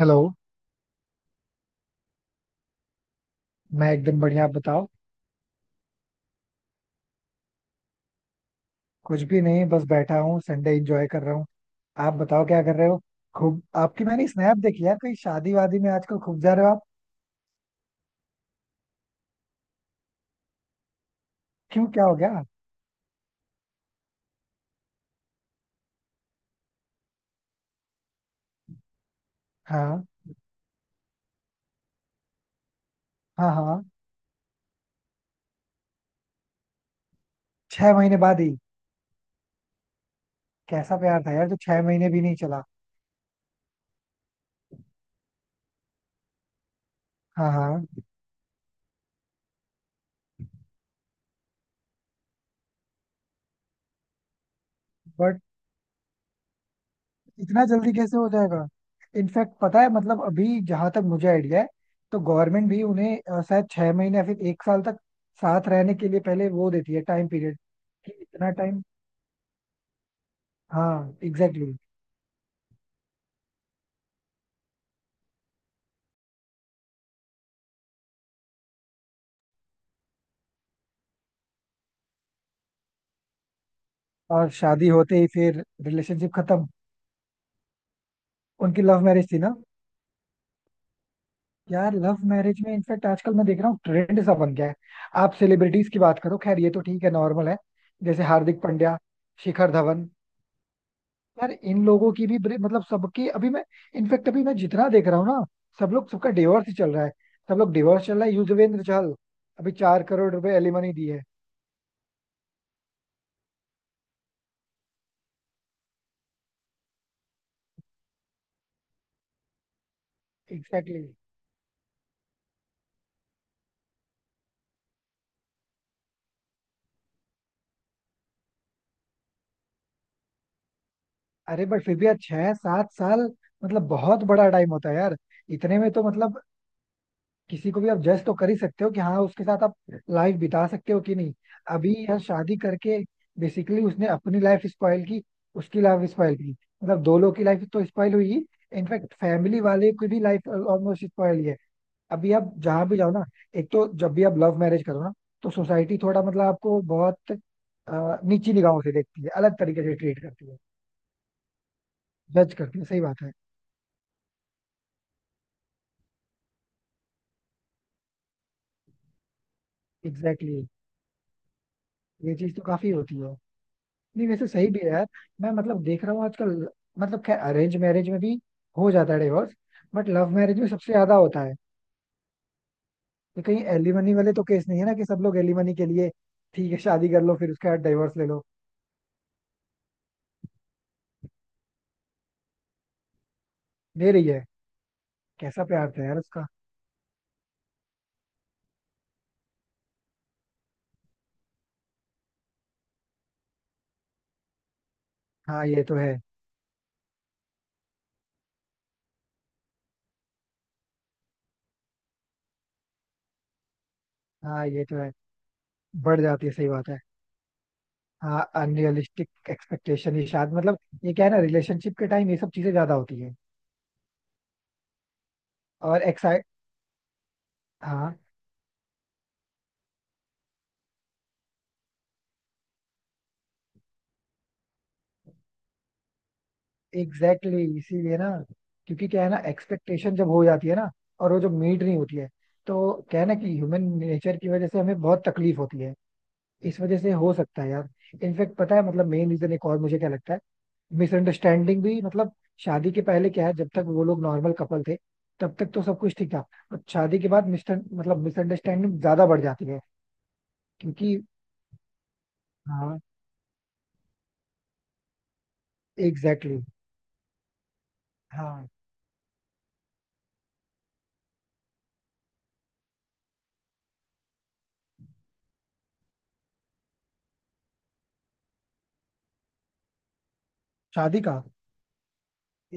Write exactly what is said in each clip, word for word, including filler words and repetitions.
Hello. मैं एकदम बढ़िया, आप बताओ. कुछ भी नहीं, बस बैठा हूँ, संडे एंजॉय कर रहा हूँ. आप बताओ क्या कर रहे हो. खूब, आपकी मैंने स्नैप देखी यार, कहीं शादी वादी में आजकल खूब जा रहे हो आप. क्यों, क्या हो गया? हाँ, हाँ, हाँ. छह महीने बाद ही? कैसा प्यार था यार जो छह महीने भी नहीं चला. हाँ, हाँ. बट इतना जल्दी कैसे हो जाएगा? इनफैक्ट पता है मतलब अभी जहां तक मुझे आइडिया है तो गवर्नमेंट भी उन्हें अ, शायद छह महीने या फिर एक साल तक साथ रहने के लिए पहले वो देती है टाइम पीरियड, कि इतना टाइम. हाँ, एग्जैक्टली. और शादी होते ही फिर रिलेशनशिप खत्म? उनकी लव मैरिज थी ना. यार लव मैरिज में इनफैक्ट आजकल मैं देख रहा हूँ ट्रेंड सा बन गया है. आप सेलिब्रिटीज की बात करो, खैर ये तो ठीक है, नॉर्मल है. जैसे हार्दिक पांड्या, शिखर धवन, यार इन लोगों की भी ब्रे- मतलब सबकी अभी मैं, इनफैक्ट अभी मैं जितना देख रहा हूँ ना, सब लोग सबका डिवोर्स ही चल रहा है. सब लोग डिवोर्स चल रहा है, युजवेंद्र चहल अभी चार करोड़ रुपए एलिमनी दी है. Exactly exactly. अरे बट फिर भी यार छह सात साल, मतलब बहुत बड़ा टाइम होता है यार. इतने में तो मतलब किसी को भी आप जज तो कर ही सकते हो कि हाँ उसके साथ आप लाइफ बिता सकते हो कि नहीं. अभी यह शादी करके बेसिकली उसने अपनी लाइफ स्पॉइल की, उसकी लाइफ स्पॉइल की, मतलब दो लोग की लाइफ तो स्पॉइल हुई ही. इनफैक्ट फैमिली वाले की भी लाइफ ऑलमोस्ट स्पॉइल ही है. अभी आप जहाँ भी जाओ ना, एक तो जब भी आप लव मैरिज करो ना तो सोसाइटी थोड़ा मतलब आपको बहुत अ, नीची निगाहों से देखती है, अलग तरीके से ट्रीट करती है. जज करती है, सही बात है. Exactly exactly. ये चीज तो काफी होती है. नहीं वैसे सही भी है यार. मैं मतलब देख रहा हूँ आजकल, मतलब खैर अरेंज मैरिज में भी हो जाता है डिवोर्स. बट लव मैरिज में सबसे ज्यादा होता है. तो कहीं एलिमनी वाले तो केस नहीं है ना, कि सब लोग एलिमनी के लिए ठीक है शादी कर लो फिर उसके बाद डिवोर्स ले लो? दे रही है? कैसा प्यार था यार उसका. हाँ ये तो है. हाँ ये तो है. बढ़ जाती है, सही बात है. हाँ अनरियलिस्टिक एक्सपेक्टेशन ये शायद मतलब, ये क्या है ना, रिलेशनशिप के टाइम ये सब चीजें ज्यादा होती है. और एक्साइट. हाँ एग्जैक्टली exactly, इसीलिए ना. क्योंकि क्या है ना, एक्सपेक्टेशन जब हो जाती है ना और वो जो मीट नहीं होती है, तो क्या है ना कि ह्यूमन नेचर की वजह से हमें बहुत तकलीफ होती है. इस वजह से हो सकता है यार. इनफेक्ट पता है मतलब मेन रीजन एक और मुझे क्या लगता है, मिसअंडरस्टैंडिंग भी मतलब शादी के पहले क्या है, जब तक वो लोग नॉर्मल कपल थे तब तक तो सब कुछ ठीक था. बट शादी के बाद मिस्टर मतलब मिसअंडरस्टैंडिंग ज्यादा बढ़ जाती है क्योंकि. हाँ, एग्जैक्टली exactly, हाँ. शादी का?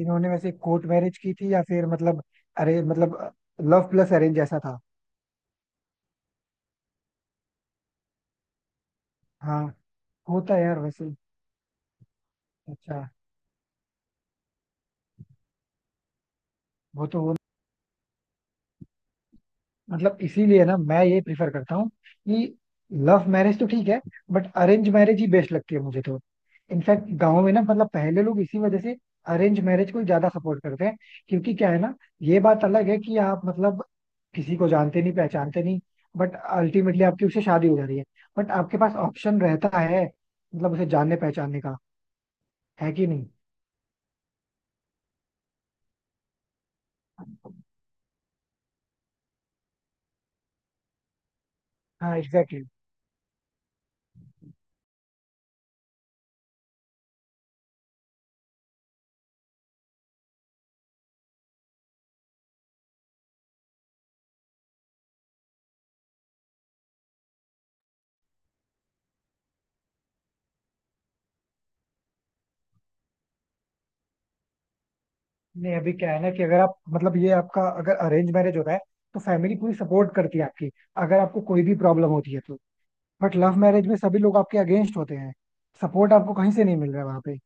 इन्होंने वैसे कोर्ट मैरिज की थी या फिर मतलब, अरे मतलब लव प्लस अरेंज ऐसा था. हाँ, होता है यार वैसे. अच्छा. वो तो हो. मतलब इसीलिए ना मैं ये प्रिफर करता हूँ कि लव मैरिज तो ठीक है, बट अरेंज मैरिज ही बेस्ट लगती है मुझे तो. इनफैक्ट गाँव में ना मतलब पहले लोग इसी वजह से अरेंज मैरिज को ज्यादा सपोर्ट करते हैं, क्योंकि क्या है ना, ये बात अलग है कि आप मतलब किसी को जानते नहीं पहचानते नहीं, बट अल्टीमेटली आपकी उससे शादी हो जा रही है, बट आपके पास ऑप्शन रहता है मतलब उसे जानने पहचानने का. है कि नहीं? हाँ एग्जैक्टली. नहीं अभी क्या है ना कि अगर आप मतलब ये आपका अगर अरेंज मैरिज होता है तो फैमिली पूरी सपोर्ट करती है आपकी, अगर आपको कोई भी प्रॉब्लम होती है तो. बट लव मैरिज में सभी लोग आपके अगेंस्ट होते हैं. सपोर्ट आपको कहीं से नहीं मिल रहा है वहां पे.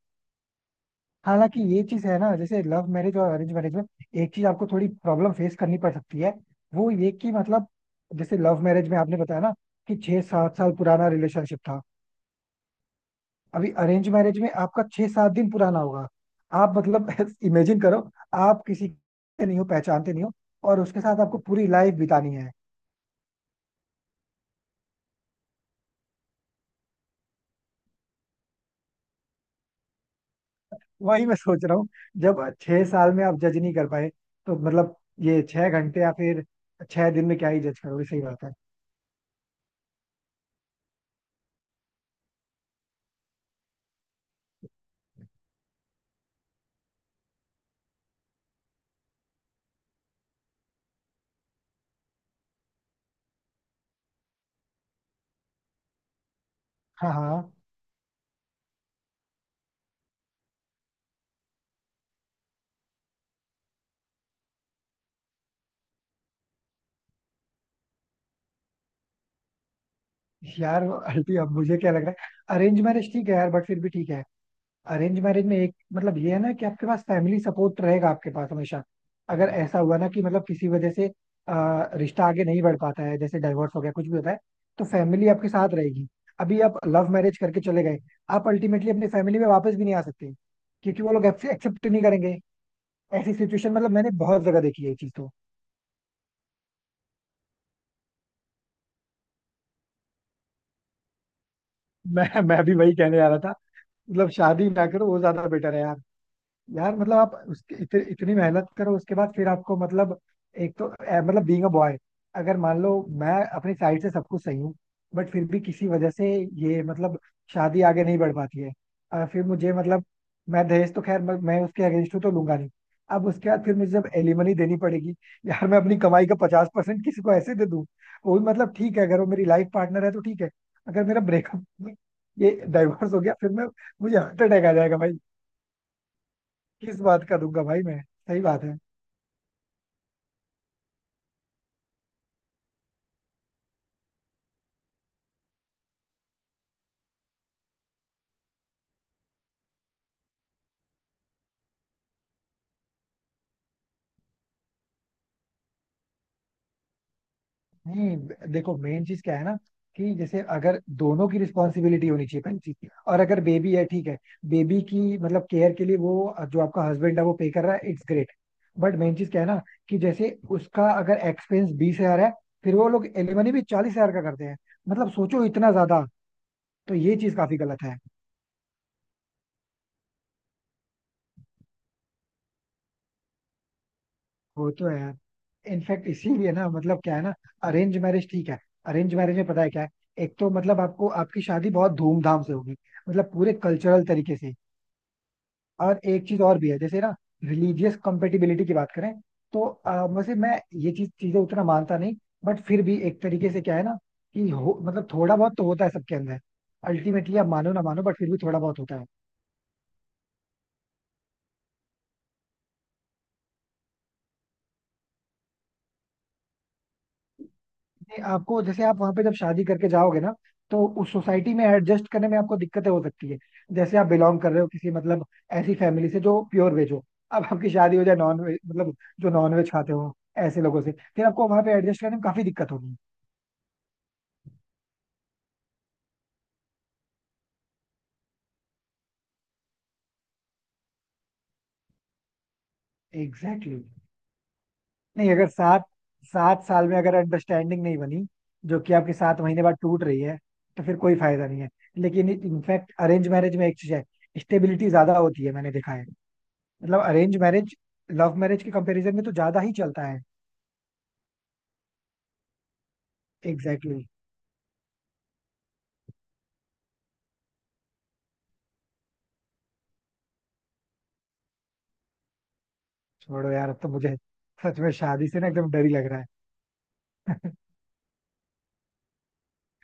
हालांकि ये चीज है ना, जैसे लव मैरिज और अरेंज मैरिज में एक चीज आपको थोड़ी प्रॉब्लम फेस करनी पड़ सकती है. वो ये कि मतलब, जैसे लव मैरिज में आपने बताया ना कि छह सात साल पुराना रिलेशनशिप था, अभी अरेंज मैरिज में आपका छह सात दिन पुराना होगा. आप मतलब इमेजिन करो, आप किसी के नहीं हो, पहचानते नहीं हो, और उसके साथ आपको पूरी लाइफ बितानी है. वही मैं सोच रहा हूँ, जब छह साल में आप जज नहीं कर पाए तो मतलब, ये छह घंटे या फिर छह दिन में क्या ही जज करोगे, सही बात है. हाँ, हाँ. यार अल्टी अब मुझे क्या लग रहा है, अरेंज मैरिज ठीक है यार, बट फिर भी ठीक है. अरेंज मैरिज में एक मतलब ये है ना कि आपके पास फैमिली सपोर्ट रहेगा, आपके पास हमेशा, अगर ऐसा हुआ ना कि मतलब किसी वजह से अ, रिश्ता आगे नहीं बढ़ पाता है जैसे डाइवोर्स हो गया कुछ भी होता है, तो फैमिली आपके साथ रहेगी. अभी आप लव मैरिज करके चले गए, आप अल्टीमेटली अपनी फैमिली में वापस भी नहीं आ सकते क्योंकि वो लोग आपसे एक्सेप्ट नहीं करेंगे. ऐसी सिचुएशन मतलब मैंने बहुत जगह देखी है ये चीज तो. मैं मैं भी वही कहने जा रहा था. मतलब शादी ना करो वो ज्यादा बेटर है यार. यार मतलब आप उसके इत, इतनी मेहनत करो उसके बाद फिर आपको मतलब, एक तो ए, मतलब बीइंग अ बॉय, अगर मान लो मैं अपनी साइड से सब कुछ सही हूँ, बट फिर भी किसी वजह से ये मतलब शादी आगे नहीं बढ़ पाती है. अ, फिर मुझे मतलब, मैं दहेज तो खैर मैं मैं उसके अगेंस्ट हूँ तो लूंगा नहीं. अब उसके बाद फिर मुझे जब एलिमनी देनी पड़ेगी, यार मैं अपनी कमाई का पचास परसेंट किसी को ऐसे दे दूँ. वो भी मतलब ठीक है, अगर वो मेरी लाइफ पार्टनर है तो ठीक है. अगर मेरा ब्रेकअप, ये डाइवोर्स हो गया फिर मैं, मुझे हार्ट अटैक आ जाएगा. किस बात का दूंगा भाई मैं. सही बात है. नहीं देखो मेन चीज क्या है ना, कि जैसे अगर दोनों की रिस्पॉन्सिबिलिटी होनी चाहिए पहली चीज, और अगर बेबी है ठीक है, बेबी की मतलब केयर के लिए वो जो आपका हस्बैंड है वो पे कर रहा है, इट्स ग्रेट. बट मेन चीज क्या है ना, कि जैसे उसका अगर एक्सपेंस बीस हजार है, फिर वो लोग एलिमनी भी चालीस हजार का करते हैं, मतलब सोचो इतना ज्यादा. तो ये चीज काफी गलत है. वो तो है यार. इनफैक्ट इसीलिए ना मतलब क्या है ना, अरेंज मैरिज ठीक है. अरेंज मैरिज में पता है क्या है, एक तो मतलब आपको आपकी शादी बहुत धूमधाम से होगी, मतलब पूरे कल्चरल तरीके से. और एक चीज और भी है, जैसे ना रिलीजियस कंपेटिबिलिटी की बात करें तो अ, वैसे मैं ये चीज चीजें उतना मानता नहीं. बट फिर भी एक तरीके से क्या है ना कि हो मतलब थोड़ा बहुत तो होता है सबके अंदर. अल्टीमेटली आप मानो ना मानो बट फिर भी थोड़ा बहुत होता है. नहीं, आपको जैसे आप वहां पे जब शादी करके जाओगे ना तो उस सोसाइटी में एडजस्ट करने में आपको दिक्कतें हो सकती है. जैसे आप बिलोंग कर रहे हो किसी मतलब ऐसी फैमिली से जो प्योर वेज हो, अब आपकी शादी हो जाए नॉन वेज मतलब जो नॉन वेज खाते हो ऐसे लोगों से, फिर आपको वहां पे एडजस्ट करने में काफी दिक्कत होगी. Exactly exactly. नहीं अगर सात सात साल में अगर अंडरस्टैंडिंग नहीं बनी, जो कि आपके सात महीने बाद टूट रही है, तो फिर कोई फायदा नहीं है. लेकिन इनफैक्ट अरेंज मैरिज में एक चीज है, स्टेबिलिटी ज्यादा होती है, मैंने देखा है. मतलब अरेंज मैरिज लव मैरिज के कंपैरिजन में तो ज्यादा ही चलता है. Exactly exactly. छोड़ो यार, अब तो मुझे सच में शादी से ना एकदम डर ही लग रहा है.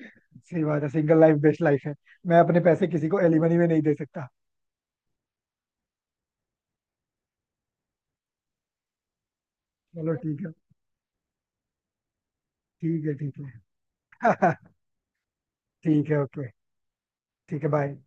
सही बात है, सिंगल लाइफ बेस्ट लाइफ है. मैं अपने पैसे किसी को एलिमनी में नहीं दे सकता. चलो ठीक है. ठीक है ठीक है. ठीक है, ओके. ठीक है, बाय.